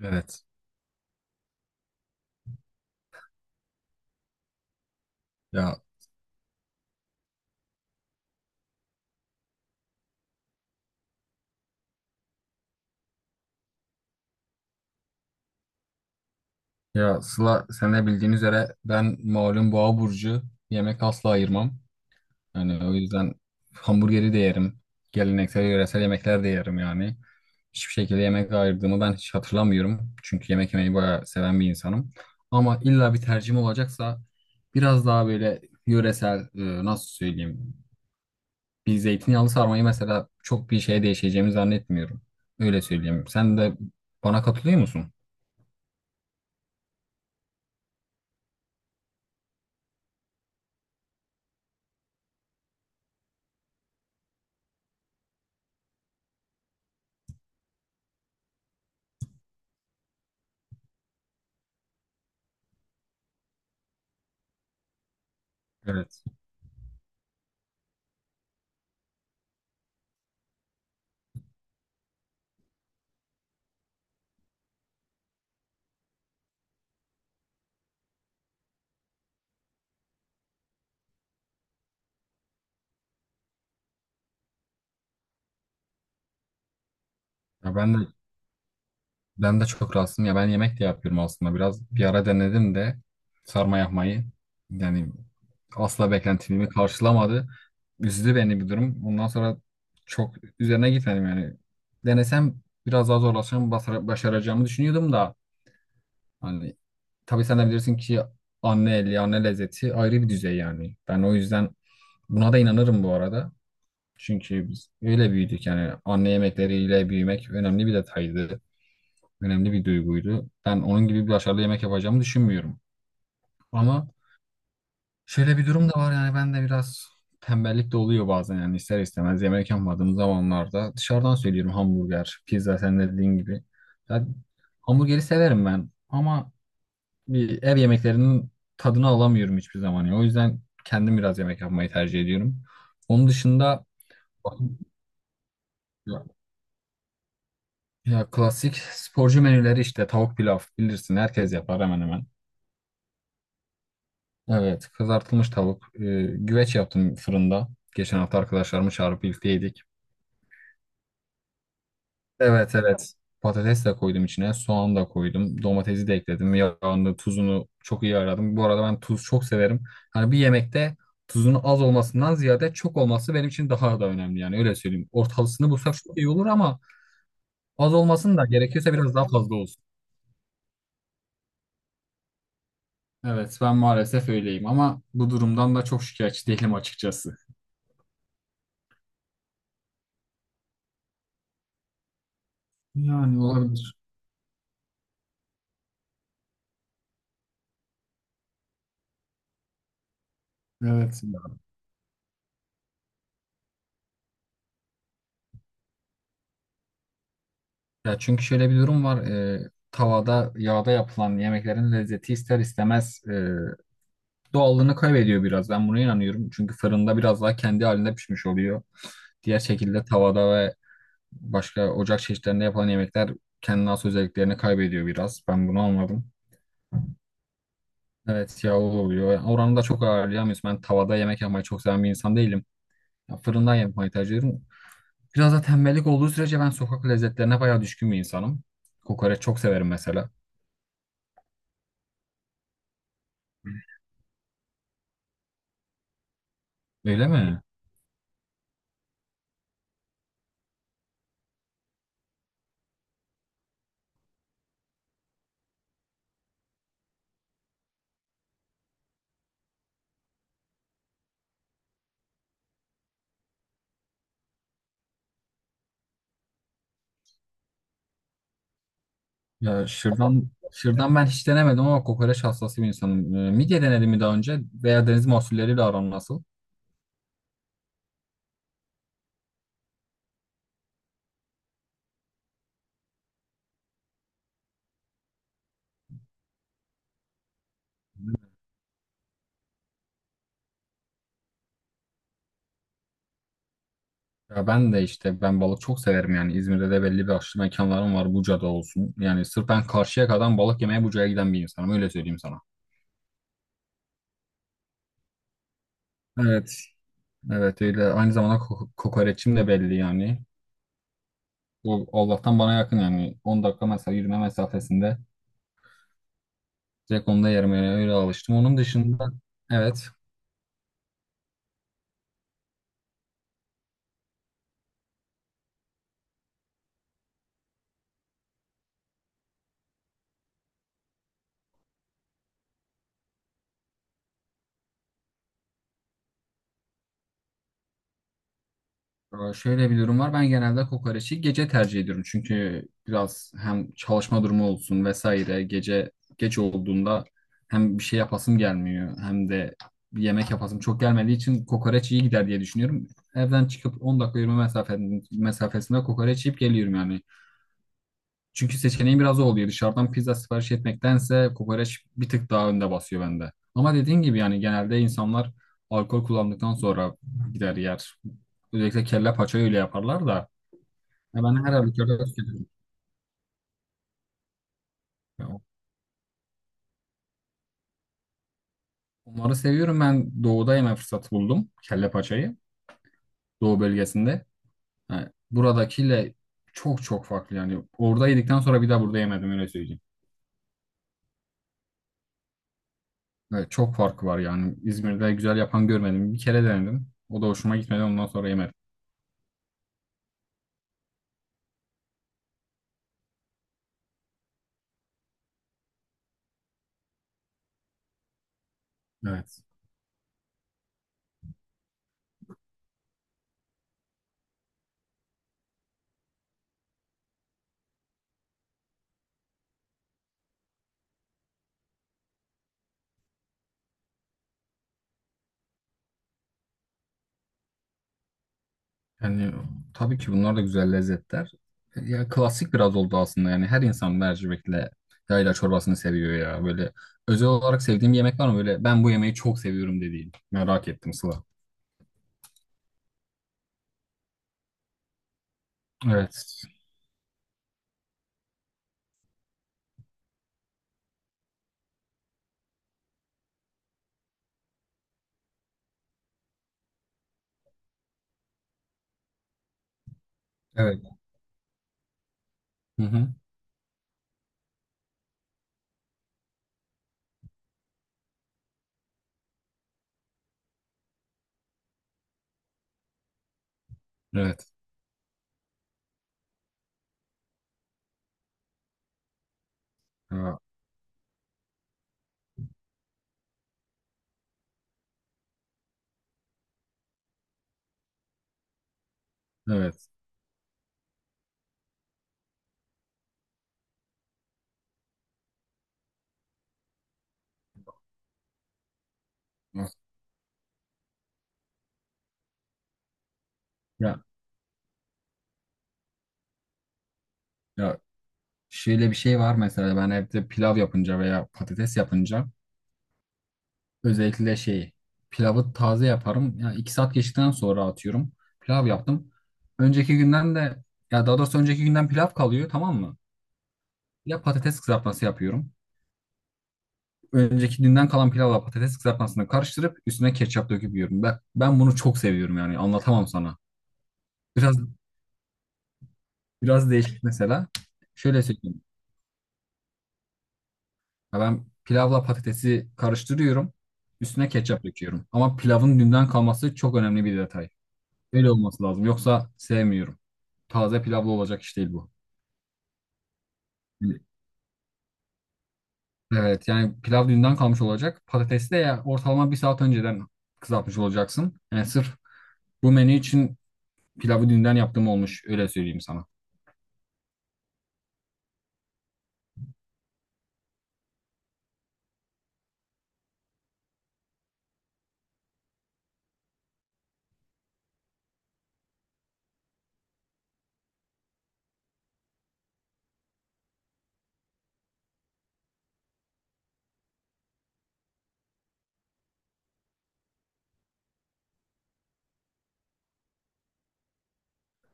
Evet. Ya ya Sıla sen de bildiğin üzere ben malum boğa burcu yemek asla ayırmam. Yani o yüzden hamburgeri de yerim. Geleneksel yöresel yemekler de yerim yani. Hiçbir şekilde yemek ayırdığımı ben hiç hatırlamıyorum. Çünkü yemek yemeyi bayağı seven bir insanım. Ama illa bir tercihim olacaksa biraz daha böyle yöresel nasıl söyleyeyim. Bir zeytinyağlı sarmayı mesela çok bir şeye değişeceğimi zannetmiyorum. Öyle söyleyeyim. Sen de bana katılıyor musun? Evet. Ya ben de Ben de çok rahatsızım ya ben yemek de yapıyorum aslında biraz bir ara denedim de sarma yapmayı yani asla beklentimi karşılamadı. Üzdü beni bir durum. Ondan sonra çok üzerine gitmedim yani. Denesem biraz daha zorlaşacağım başaracağımı düşünüyordum da hani tabii sen de bilirsin ki anne eli anne lezzeti ayrı bir düzey yani. Ben o yüzden buna da inanırım bu arada. Çünkü biz öyle büyüdük yani anne yemekleriyle büyümek önemli bir detaydı önemli bir duyguydu. Ben onun gibi bir başarılı yemek yapacağımı düşünmüyorum. Ama şöyle bir durum da var yani ben de biraz tembellik de oluyor bazen yani ister istemez yemek yapmadığım zamanlarda dışarıdan söylüyorum hamburger, pizza sen de dediğin gibi. Ya, hamburgeri severim ben ama bir ev yemeklerinin tadını alamıyorum hiçbir zaman ya. O yüzden kendim biraz yemek yapmayı tercih ediyorum. Onun dışında ya, ya klasik sporcu menüleri işte tavuk pilav bilirsin herkes yapar hemen hemen. Evet, kızartılmış tavuk. Güveç yaptım fırında. Geçen hafta arkadaşlarımı çağırıp birlikte yedik. Evet, evet. Patates de koydum içine, soğan da koydum, domatesi de ekledim. Yağını, tuzunu çok iyi ayarladım. Bu arada ben tuz çok severim. Hani bir yemekte tuzun az olmasından ziyade çok olması benim için daha da önemli yani öyle söyleyeyim. Ortalısını bulsak çok iyi olur ama az olmasın da gerekiyorsa biraz daha fazla olsun. Evet, ben maalesef öyleyim ama bu durumdan da çok şikayetçi değilim açıkçası. Yani olabilir. Evet. Ya çünkü şöyle bir durum var. Tavada, yağda yapılan yemeklerin lezzeti ister istemez doğallığını kaybediyor biraz. Ben buna inanıyorum. Çünkü fırında biraz daha kendi halinde pişmiş oluyor. Diğer şekilde tavada ve başka ocak çeşitlerinde yapılan yemekler kendine has özelliklerini kaybediyor biraz. Ben bunu anladım. Evet yağlı oluyor. Yani oranı da çok ayarlayamıyoruz. Ben tavada yemek yapmayı çok seven bir insan değilim. Ya fırından yapmayı tercih ediyorum. Biraz da tembellik olduğu sürece ben sokak lezzetlerine bayağı düşkün bir insanım. Kokoreç çok severim mesela. Öyle mi? Ya şırdan, şırdan ben hiç denemedim ama kokoreç hastası bir insanım. Midye denedim mi daha önce veya deniz mahsulleriyle aran nasıl? Ya ben de işte ben balık çok severim yani İzmir'de de belli başlı mekanlarım var Buca'da olsun. Yani sırf ben karşıya kadar balık yemeye Buca'ya giden bir insanım öyle söyleyeyim sana. Evet. Evet öyle aynı zamanda kokoreçim de belli yani. O Allah'tan bana yakın yani 10 dakika mesela yürüme mesafesinde direkt onu da yerim yani öyle alıştım. Onun dışında evet. Şöyle bir durum var. Ben genelde kokoreçi gece tercih ediyorum. Çünkü biraz hem çalışma durumu olsun vesaire gece geç olduğunda hem bir şey yapasım gelmiyor hem de bir yemek yapasım çok gelmediği için kokoreç iyi gider diye düşünüyorum. Evden çıkıp 10 dakika mesafesinde kokoreç yiyip geliyorum yani. Çünkü seçeneğim biraz o oluyor. Dışarıdan pizza sipariş etmektense kokoreç bir tık daha önde basıyor bende. Ama dediğin gibi yani genelde insanlar alkol kullandıktan sonra gider yer. Özellikle kelle paça öyle yaparlar da. Ya ben her halükarda tüketirim. Ya onları seviyorum. Ben doğuda yeme fırsatı buldum. Kelle paçayı. Doğu bölgesinde. Yani buradakiyle çok çok farklı yani. Orada yedikten sonra bir daha burada yemedim öyle söyleyeyim. Evet, çok farkı var yani. İzmir'de güzel yapan görmedim. Bir kere denedim. O da hoşuma gitmedi. Ondan sonra yemedim. Evet. Yani tabii ki bunlar da güzel lezzetler. Ya klasik biraz oldu aslında yani her insan mercimekle yayla çorbasını seviyor ya. Böyle özel olarak sevdiğim bir yemek var mı? Böyle ben bu yemeği çok seviyorum dediğin. Merak ettim Sıla. Evet. Evet. Hı hı. Evet. Ha, evet. Ya, ya şöyle bir şey var mesela ben evde pilav yapınca veya patates yapınca özellikle şeyi pilavı taze yaparım. Ya iki saat geçtikten sonra atıyorum. Pilav yaptım. Önceki günden de ya daha doğrusu önceki günden pilav kalıyor tamam mı? Ya patates kızartması yapıyorum. Önceki günden kalan pilavla patates kızartmasını karıştırıp üstüne ketçap döküp yiyorum. Ben bunu çok seviyorum yani anlatamam sana. Biraz biraz değişik mesela. Şöyle söyleyeyim. Ya ben pilavla patatesi karıştırıyorum. Üstüne ketçap döküyorum. Ama pilavın dünden kalması çok önemli bir detay. Öyle olması lazım. Yoksa sevmiyorum. Taze pilavlı olacak iş değil bu. Evet yani pilav dünden kalmış olacak. Patatesi de ya ortalama bir saat önceden kızartmış olacaksın. Yani sırf bu menü için pilavı dünden yaptığım olmuş. Öyle söyleyeyim sana.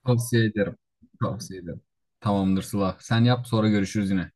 Tavsiye ederim. Tavsiye ederim. Tamamdır Sıla. Sen yap sonra görüşürüz yine.